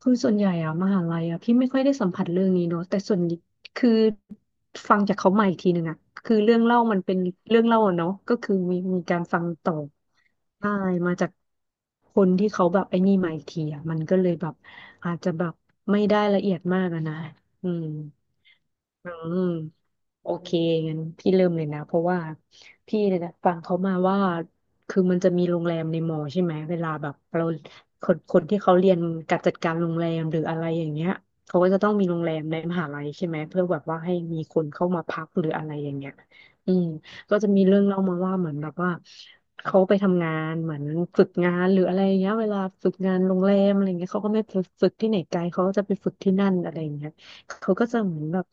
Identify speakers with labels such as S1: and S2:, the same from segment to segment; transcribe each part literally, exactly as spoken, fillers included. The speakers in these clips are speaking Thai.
S1: คือส่วนใหญ่อะมหาลัยอะพี่ไม่ค่อยได้สัมผัสเรื่องนี้เนอะแต่ส่วนคือฟังจากเขามาอีกทีหนึ่งอะคือเรื่องเล่ามันเป็นเรื่องเล่าอะเนาะก็คือมีมีการฟังต่อได้มาจากคนที่เขาแบบไอ้นี่มาอีกทีอะมันก็เลยแบบอาจจะแบบไม่ได้ละเอียดมากอะนะอืม อืมโอเคงั้นพี่เริ่มเลยนะเพราะว่าพี่เนี่ยนะฟังเขามาว่าคือมันจะมีโรงแรมในมอใช่ไหมเวลาแบบเราคนคนที่เขาเรียนการจัดการโรงแรมหรืออะไรอย่างเงี้ยเขาก็จะต้องมีโรงแรมในมหาลัยใช่ไหมเพื่อแบบว่าให้มีคนเข้ามาพักหรืออะไรอย่างเงี้ยอืมก็จะมีเรื่องเล่ามาว่าเหมือนแบบว่าเขาไปทำงานเหมือนฝึกงานหรืออะไรอย่างเงี้ยเวลาฝึกงานโรงแรมอะไรเงี้ยเขาก็ไม่ไปฝึกที่ไหนไกลเขาก็จะไปฝึกที่นั่นอะไรอย่างเงี้ย เขาก็จะเหมือนแบบ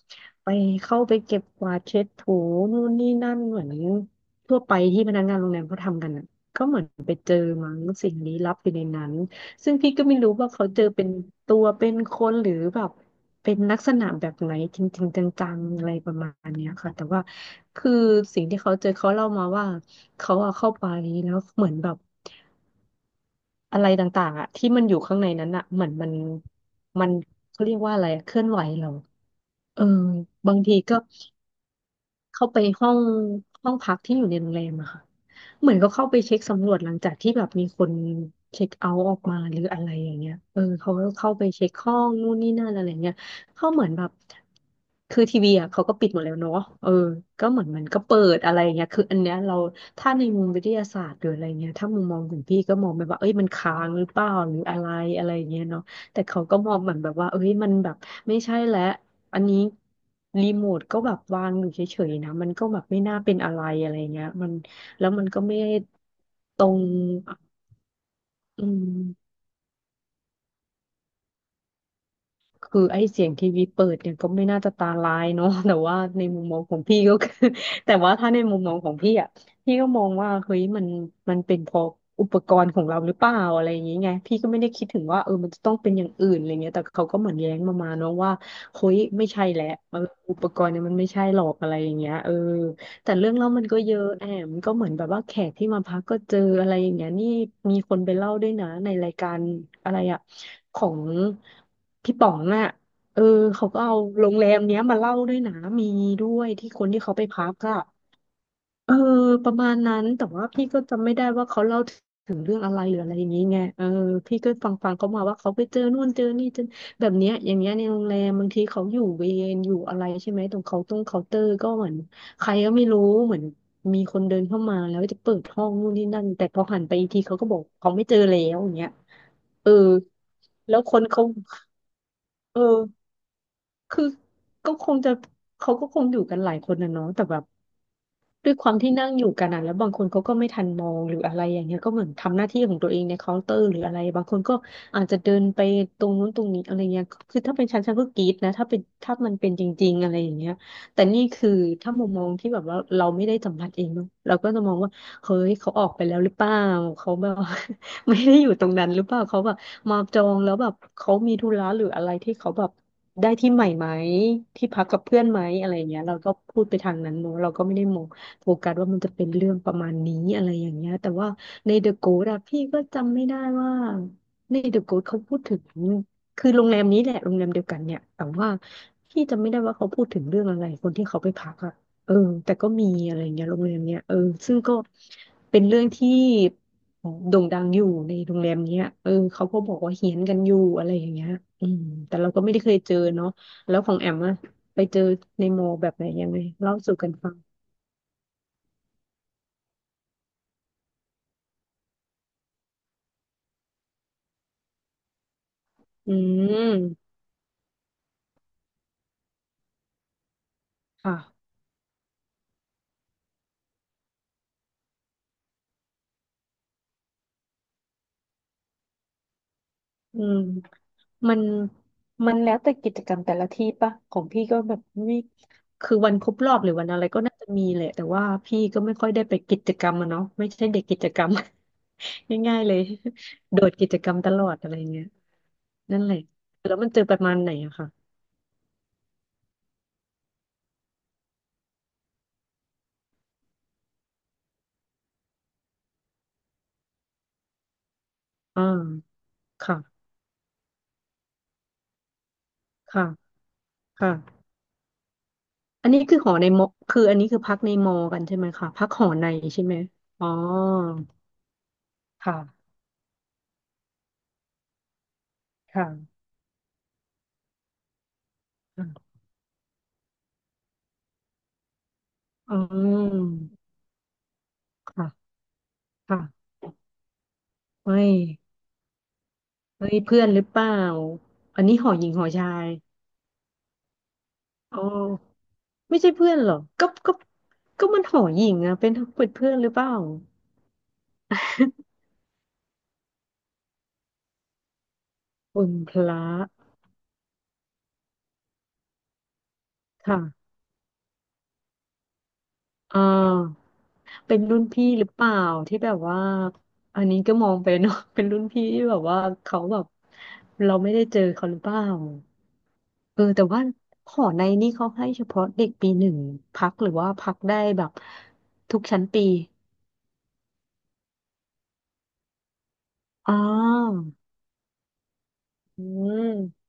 S1: ไปเข้าไปเก็บกวาดเช็ดถูนู่นนี่นั่นเหมือนทั่วไปที่พนักงานโรงแรมเขาทำกันอ่ะก็เหมือนไปเจอมั้งสิ่งลี้ลับอยู่ในนั้นซึ่งพี่ก็ไม่รู้ว่าเขาเจอเป็นตัวเป็นคนหรือแบบเป็นลักษณะแบบไหนจริงๆจังๆอะไรประมาณเนี้ยค่ะแต่ว่าคือสิ่งที่เขาเจอเขาเล่ามาว่าเขาอะเข้าไปแล้วเหมือนแบบ อะไรต่างๆอ่ะที่มันอยู่ข้างในนั้นอ่ะเหมือนมันมันเขาเรียกว่าอะไรอะเคลื่อนไหวเราเออบางทีก็ เข้าไปห้องห้องพักที่อยู่ในโรงแรมอะค่ะเหมือนก็เข้าไปเช็คสำรวจหลังจากที่แบบมีคนเช็คเอาท์ออกมาหรืออะไรอย่างเงี้ยเออเขาก็เข้าไปเช็คห้องนู่นนี่นั่นอะไรเงี้ยเขาเหมือนแบบคือทีวีอะเขาก็ปิดหมดแล้วเนาะเออก็เหมือนมันก็เปิดอะไรอย่างเงี้ยคืออันเนี้ยเราถ้าในมุมวิทยาศาสตร์หรืออะไรเงี้ยถ้ามุมมองของพี่ก็มองไปว่าเอ้ยมันค้างหรือเปล่าหรืออะไรอะไรอย่างเงี้ยเนาะแต่เขาก็มองเหมือนแบบว่าเอ้ยมันแบบไม่ใช่แล้ว อันนี้รีโมทก็แบบวางอยู่เฉยๆนะมันก็แบบไม่น่าเป็นอะไรอะไรเงี้ยมันแล้วมันก็ไม่ได้ตรงอืมคือไอ้เสียงทีวีเปิดเนี่ยก็ไม่น่าจะตาลายเนาะ แต่ว่าในมุมมองของพี่ก็คือ แต่ว่าถ้าในมุมมองของพี่อ่ะพี่ก็มองว่าเฮ้ยมันมันเป็นเพราะอุปกรณ์ของเราหรือเปล่าอะไรอย่างเงี้ยไงพี่ก็ไม่ได้คิดถึงว่าเออมันจะต้องเป็นอย่างอื่นอะไรเงี้ยแต่เขาก็เหมือนแย้งมามาเนาะว่าเฮ้ยไม่ใช่แหละเอออุปกรณ์เนี่ยมันไม่ใช่หรอกอะไรอย่างเงี้ยเออ แต่เรื่องเล่ามันก็เยอะแอมก็เหมือนแบบว่าแขกที่มาพักก็เจออะไรอย่างเงี้ยนี่มีคนไปเล่าด้วยนะในรายการอะไรอะของพี่ป๋องน่ะเออเขาก็เอาโรงแรมเนี้ยมาเล่าด้วยนะมีด้วยที่คนที่เขาไปพักอะ เออประมาณนั้นแต่ว่าพี่ก็จำไม่ได้ว่าเขาเล่าถึงเรื่องอะไรหรืออะไรอย่างนี้ไงเออพี่ก็ฟังฟังเขามาว่าเขาไปเจอนู่นเจอนี่เจอแบบเนี้ยอย่างเงี้ยในโรงแรมบางทีเขาอยู่เวรอยู่อะไรใช่ไหมตรงเคาน์ตรงเคาน์เตอร์ก็เหมือนใครก็ไม่รู้เหมือนมีคนเดินเข้ามาแล้วจะเปิดห้องนู่นนี่นั่นแต่พอหันไปอีกทีเขาก็บอกเขาไม่เจอแล้วอย่างเงี้ยเออแล้วคนเขาเออคือก็คงจะเขาก็คงอยู่กันหลายคนนะเนาะแต่แบบ ด้วยความที่นั่งอยู่กันอ่ะแล้วบางคนเขาก็ไม่ทันมองหรืออะไรอย่างเงี้ยก็เหมือนทำหน้าที่ของตัวเองในเคาน์เตอร์หรืออะไรบางคนก็อาจจะเดินไปตรงนู้นตรงนี้อะไรเงี้ยคือถ้าเป็นฉันฉันก็กรี๊ดนะถ้าเป็นถ้ามันเป็นจริงๆอะไรอย่างเงี้ยแต่นี่คือถ้ามุมมองที่แบบว่าเราไม่ได้สัมผัสเองเนอะเราก็จะมองว่าเฮ้ยเขาออกไปแล้วหรือเปล่าเขาแบบ ไม่ได้อยู่ตรงนั้นหรือเปล่าเขาแบบมาจองแล้วแบบเขามีธุระหรืออะไรที่เขาแบบได้ที่ใหม่ไหมที่พักกับเพื่อนไหมอะไรอย่างเงี้ยเราก็พูดไปทางนั้นเนอะเราก็ไม่ได้มอง โฟกัสว่ามันจะเป็นเรื่องประมาณนี้อะไรอย่างเงี้ยแต่ว่าใน The Ghost อะพี่ก็จำไม่ได้ว่าใน The Ghost เขาพูดถึงคือโรงแรมนี้แหละโรงแรมเดียวกันเนี่ยแต่ว่าพี่จำไม่ได้ว่าเขาพูดถึงเรื่องอะไรคนที่เขาไปพักอะเออแต่ก็มีอะไรเงี้ยโรงแรมเนี้ยเออซึ่งก็เป็นเรื่องที่โด่งดังอยู่ในโรงแรมเนี้ยเออเขาก็บอกว่าเฮี้ยนกันอยู่อะไรอย่างเงี้ยอืมแต่เราก็ไม่ได้เคยเจอเนาะแล้วของแอมอะไปเจอในมอลล์แบบไหนยังไงเล่าสู่กันฟัง อืมค่ะอืมมันมันแล้วแต่กิจกรรมแต่ละที่ปะของพี่ก็แบบไม่คือวันครบรอบหรือวันอะไรก็น่าจะมีแหละแต่ว่าพี่ก็ไม่ค่อยได้ไปกิจกรรมอะเนาะไม่ใช่เด็กกิจกรรม ง่ายๆเลยโดดกิจกรรมตลอดอะไรเงี้ยนั่นแหละแล้วมันเจอประมาณไหนอะค่ะอ่าค่ะค่ะค่ะอันนี้คือหอในมอคืออันนี้คือพักในมอกันใช่ไหมคะพักหอในใช่ไหมอ๋อค่ะค่ะอืม ค่ะค่ะเฮ้ยเฮ้ยเพื่อนหรือเปล่าอันนี้หอหญิงหอชายอ๋อไม่ใช่เพื่อนหรอก็ก็ก็มันหอหญิงอะเป็นเป็นเพื่อนหรือเปล่าคุณพระค่ะอ่าเป็นรุ่นพี่หรือเปล่าที่แบบว่าอันนี้ก็มองไปเนาะ เป็นรุ่นพี่ที่แบบว่าเขาแบบเราไม่ได้เจอเขาหรือเปล่าเออแต่ว่าหอในนี่เขาให้เฉพาะเด็กปีหนึ่งพักหรือว่าพักได้แบบทุกชั้นปีอ๋อ อืม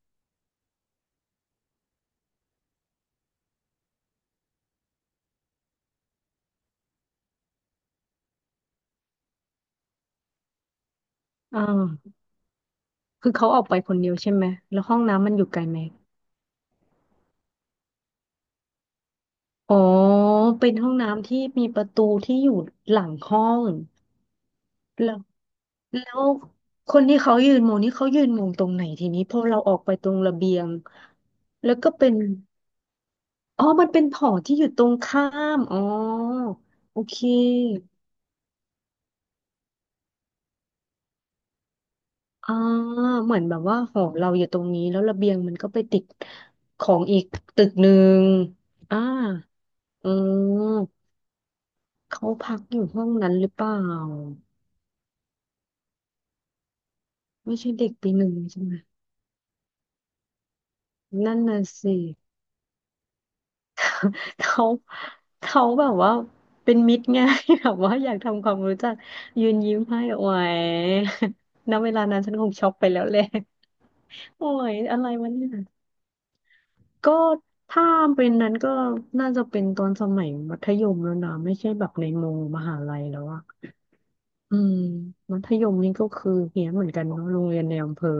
S1: อ่าคือเขาออกไปคนเดียวใช่ไหมแล้วห้องน้ำมันอยู่ไกลไหมอ๋อเป็นห้องน้ำที่มีประตูที่อยู่หลังห้องแล้วแล้วคนที่เขายืนมองนี่เขายืนมองตรงไหนทีนี้พอเราออกไปตรงระเบียงแล้วก็เป็นอ๋อมันเป็นหอที่อยู่ตรงข้ามอ๋อโอเคอ่าเหมือนแบบว่าหอเราอยู่ตรงนี้แล้วระเบียงมันก็ไปติดของอีกตึกหนึ่งอ่าอ๋อ เขาพักอยู่ห้องนั้นหรือเปล่าไม่ใช่เด็กปีหนึ่งใช่ไหมนั่นน่ะสิเขาเขาแบบว่าเป็นมิตรไง แบบว่าอยากทำความรู้จักยืนยิ้มให้โอ้ย ณเวลานั้นฉันคงช็อกไปแล้วแหละ โอ้ยอะไรวะเนี่ยก็ถ้าเป็นนั้นก็น่าจะเป็นตอนสมัยมัธยมแล้วนะไม่ใช่แบบในโมมหาลัยแล้วอะ อืมมัธยมนี่ก็คือเหี้ยนเหมือนกันเนาะโรงเรียนในอำเภอ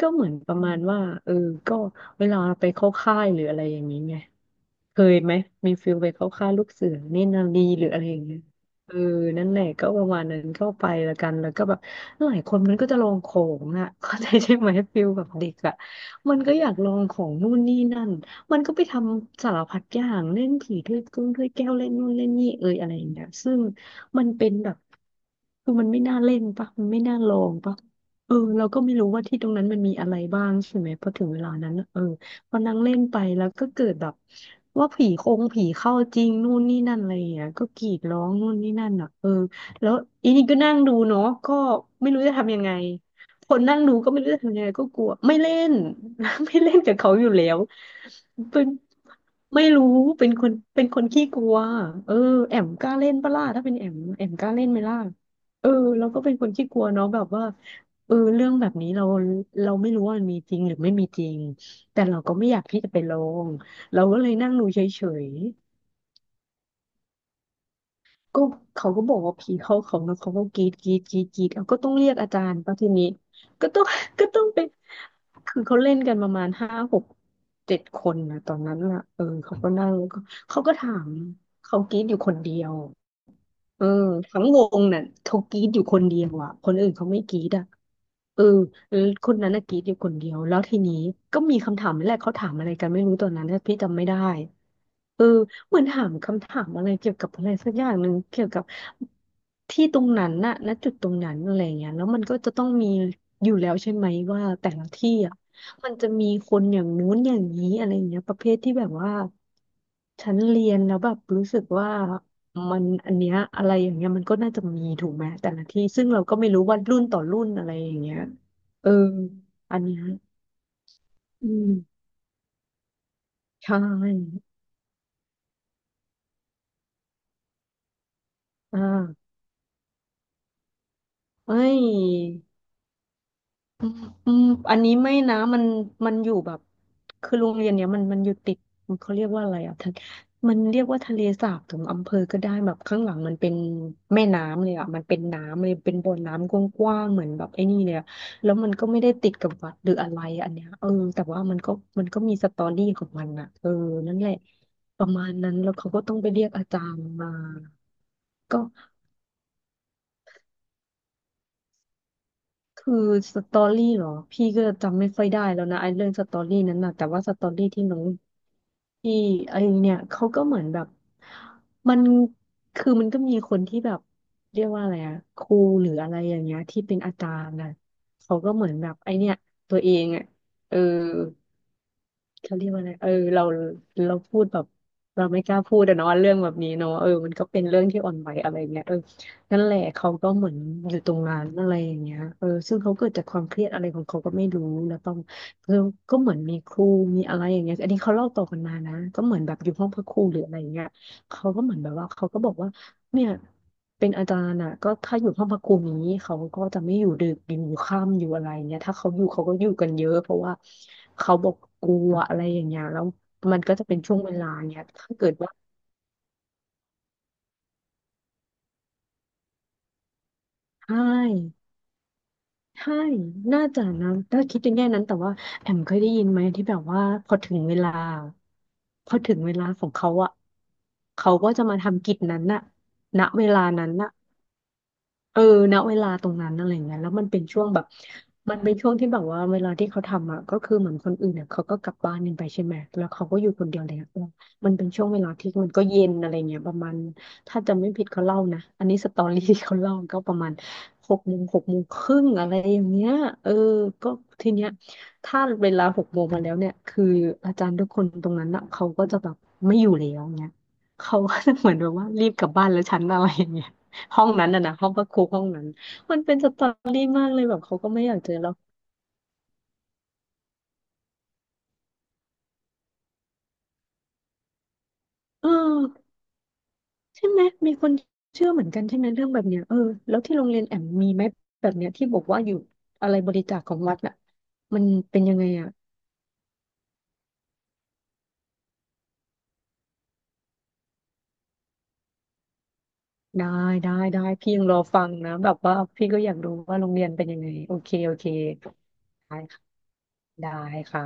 S1: ก็เหมือนประมาณว่าเออก็เวลาไปเข้าค่ายหรืออะไรอย่างนี้ไง เคยไหมมีฟิลไปเข้าค่ายลูกเสือเนตรนารีหรืออะไรอย่างเงี้ยเออนั่นแหละก็ประมาณนั้นเข้าไปและกันแล้วก็แบบหลายคนมันก็จะลองของอ่ะ เข้าใจใช่ไหมฟิลแบบเด็กอ่ะมันก็อยากลองของนู่นนี่นั่นมันก็ไปทำสารพัดอย่างเล่นผีถ้วยกึ้งถ้วยแก้วเล่นนู่นเล่นนี่เอยอะไรอย่างเงี้ยซึ่งมันเป็นแบบคือมันไม่น่าเล่นปะมันไม่น่าลองปะเออเราก็ไม่รู้ว่าที่ตรงนั้นมันมีอะไรบ้างใช่ไหมพอถึงเวลานั้นน่ะเออ พอนั่งเล่นไปแล้วก็เกิดแบบว่าผีคงผีเข้าจริงนู่นนี่นั่นอะไรอย่างเงี้ยก็กรีดร้องนู่นนี่นั่นอ่ะเออแล้วอีนี่ก็นั่งดูเนาะก็ไม่รู้จะทำยังไงคนนั่งดูก็ไม่รู้จะทำยังไงก็กลัวไม่เล่น ไม่เล่นกับเขาอยู่แล้ว เป็นไม่รู้เป็นคนเป็นคนขี้กลัวเออแอมกล้าเล่นปะล่ะถ้าเป็นแอมแอมกล้าเล่นไหมล่ะเออเราก็เป็นคนขี้กลัวเนาะแบบว่าเออเรื่องแบบนี้เราเราไม่รู้ว่ามันมีจริงหรือไม่มีจริงแต่เราก็ไม่อยากที่จะไปลองเราก็เลยนั่งดูเฉย ก็เขาก็บอกว่าผีเข้าเขานะเขาก็กรีดกรีดกรีดกรีดเอาก็ต้องเรียกอาจารย์ป่ะทีนี้ก็ต้อง ก็ต้องเป็นคือเขาเล่นกันประมาณห้าหกเจ็ดคนนะตอนนั้นล่ะเออเขาก็นั่งแล้วก็เขาก็ถามเขากรีดอยู่คนเดียวเออทั้งวงน่ะเขากรีดอยู่คนเดียวอ่ะคนอื่นเขาไม่กรีดอ่ะเออแล้วคนนั้นน่ะกรีดอยู่คนเดียวแล้วทีนี้ก็มีคำถามนี่แหละเขาถามอะไรกันไม่รู้ตอนนั้นนะพี่จำไม่ได้ เออเหมือนถามคำถามอะไรเกี่ยวกับอะไรสักอย่างหนึ่งเกี่ยวกับที่ตรงนั้นน่ะณจุดตรงนั้นอะไรเงี้ยแล้วมันก็จะต้องมีอยู่แล้วใช่ไหมว่าแต่ละที่อ่ะมันจะมีคนอย่างนู้นอย่างนี้อะไรเงี้ยประเภทที่แบบว่าฉันเรียนแล้วแบบรู้สึกว่ามันอันเนี้ยอะไรอย่างเงี้ยมันก็น่าจะมีถูกไหมแต่ละที่ซึ่งเราก็ไม่รู้ว่ารุ่นต่อรุ่นอะไรอย่างเงี้ยเอออันเนี้ยอืมใช่อ่าเอ้ย อืมอืมอันนี้ไม่นะมันมันอยู่แบบคือโรงเรียนเนี้ยมันมันอยู่ติดเขาเรียกว่าอะไรอ่ะทานมันเรียกว่าทะเลสาบถึงอำเภอก็ได้แบบข้างหลังมันเป็นแม่น้ำเลยอ่ะมันเป็นน้ำเลยเป็นบ่อน้ำกว้างๆเหมือนแบบไอ้นี่เลยอะแล้วมันก็ไม่ได้ติดกับวัดหรืออะไรอันเนี้ยเออแต่ว่ามันก็มันก็มีสตอรี่ของมันอ่ะเออนั่นแหละประมาณนั้นแล้วเขาก็ต้องไปเรียกอาจารย์มาก็ คือสตอรี่เหรอพี่ก็จำไม่ค่อยได้แล้วนะไอ้เรื่องสตอรี่นั้นนะแต่ว่าสตอรี่ที่น้องที่ไอ้เนี่ยเขาก็เหมือนแบบมันคือมันก็มีคนที่แบบเรียกว่าอะไรอะครูหรืออะไรอย่างเงี้ยที่เป็นอาจารย์นะเขาก็เหมือนแบบไอ้เนี่ยตัวเองอะเออ เขาเรียกว่าอะไรเออ เรา เราพูดแบบ เราไม่กล้าพูดอะเนาะเรื่องแบบนี้เนาะเออมันก็เป็นเรื่องที่อ่อนไหวอะไรเงี้ยเออนั่นแหละเขาก็เหมือนอยู่ตรงนั้นอะไรอย่างเงี้ยเออซึ่งเขาเกิดจากความเครียดอะไรของเขาก็ไม่รู้แล้วต้องเออก็เหมือนมีครูมีอะไรอย่างเงี้ยอันนี้เขาเล่าต่อกันมานะก็เหมือนแบบอยู่ห้องพระครูหรืออะไรอย่างเงี้ยเขาก็เหมือนแบบว่าเขาก็บอกว่า เนี่ยเป็นอาจารย์อ่ะก็ถ้าอยู่ห้องพักครูอย่างนี้เขาก็จะไม่อยู่ดึกอยู่ค่ำอยู่อะไรเนี่ยถ้าเขาอยู่เขาก็อยู่กันเยอะเพราะว่าเขาบอกกลัวอะไรอย่างเงี้ยแล้วมันก็จะเป็นช่วงเวลาเนี้ยถ้าเกิดว่าใช่ใช่น่าจะนะถ้าคิดในแง่นั้นแต่ว่าแอมเคยได้ยินไหมที่แบบว่าพอถึงเวลาพอถึงเวลาของเขาอ่ะเขาก็จะมาทำกิจนั้นน่ะณเวลานั้นน่ะ เออณเวลาตรงนั้นอะไรเงี้ยแล้วมันเป็นช่วงแบบ มันเป็นช่วงที่แบบว่าเวลาที่เขาทำอ่ะก็คือเหมือนคนอื่นเนี่ยเขาก็กลับบ้านกันไปใช่ไหมแล้วเขาก็อยู่คนเดียวเลยอะเออมันเป็นช่วงเวลาที่มันก็เย็นอะไรเงี้ยประมาณถ้าจำไม่ผิดเขาเล่านะอันนี้สตอรี่ที่เขาเล่าก็ประมาณหกโมงหกโมงครึ่งอะไรอย่างเงี้ยเออก็ทีเนี้ยถ้าเวลาหกโมงมาแล้วเนี่ยคืออาจารย์ทุกคนตรงนั้นอ่ะเขาก็จะแบบไม่อยู่แล้วเงี้ยเขาก็จะเหมือนแบบว่ารีบกลับบ้านแล้วฉันอะไรอย่างเงี้ย ห้องนั้นน่ะนะห้องพระครูห้องนั้นมันเป็นสตอรี่มากเลยแบบเขาก็ไม่อยากเจอเราเออใช่ไหมมีคนเชื่อเหมือนกันใช่ไหมเรื่องแบบเนี้ยเออแล้วที่โรงเรียนแอมมีไหมแบบเนี้ยที่บอกว่าอยู่อะไรบริจาคของวัดน่ะมันเป็นยังไงอ่ะได้ได้ได้พี่ยังรอฟังนะแบบว่าพี่ก็อยากรู้ว่าโรงเรียนเป็นยังไงโอเคโอเคได้ค่ะได้ค่ะ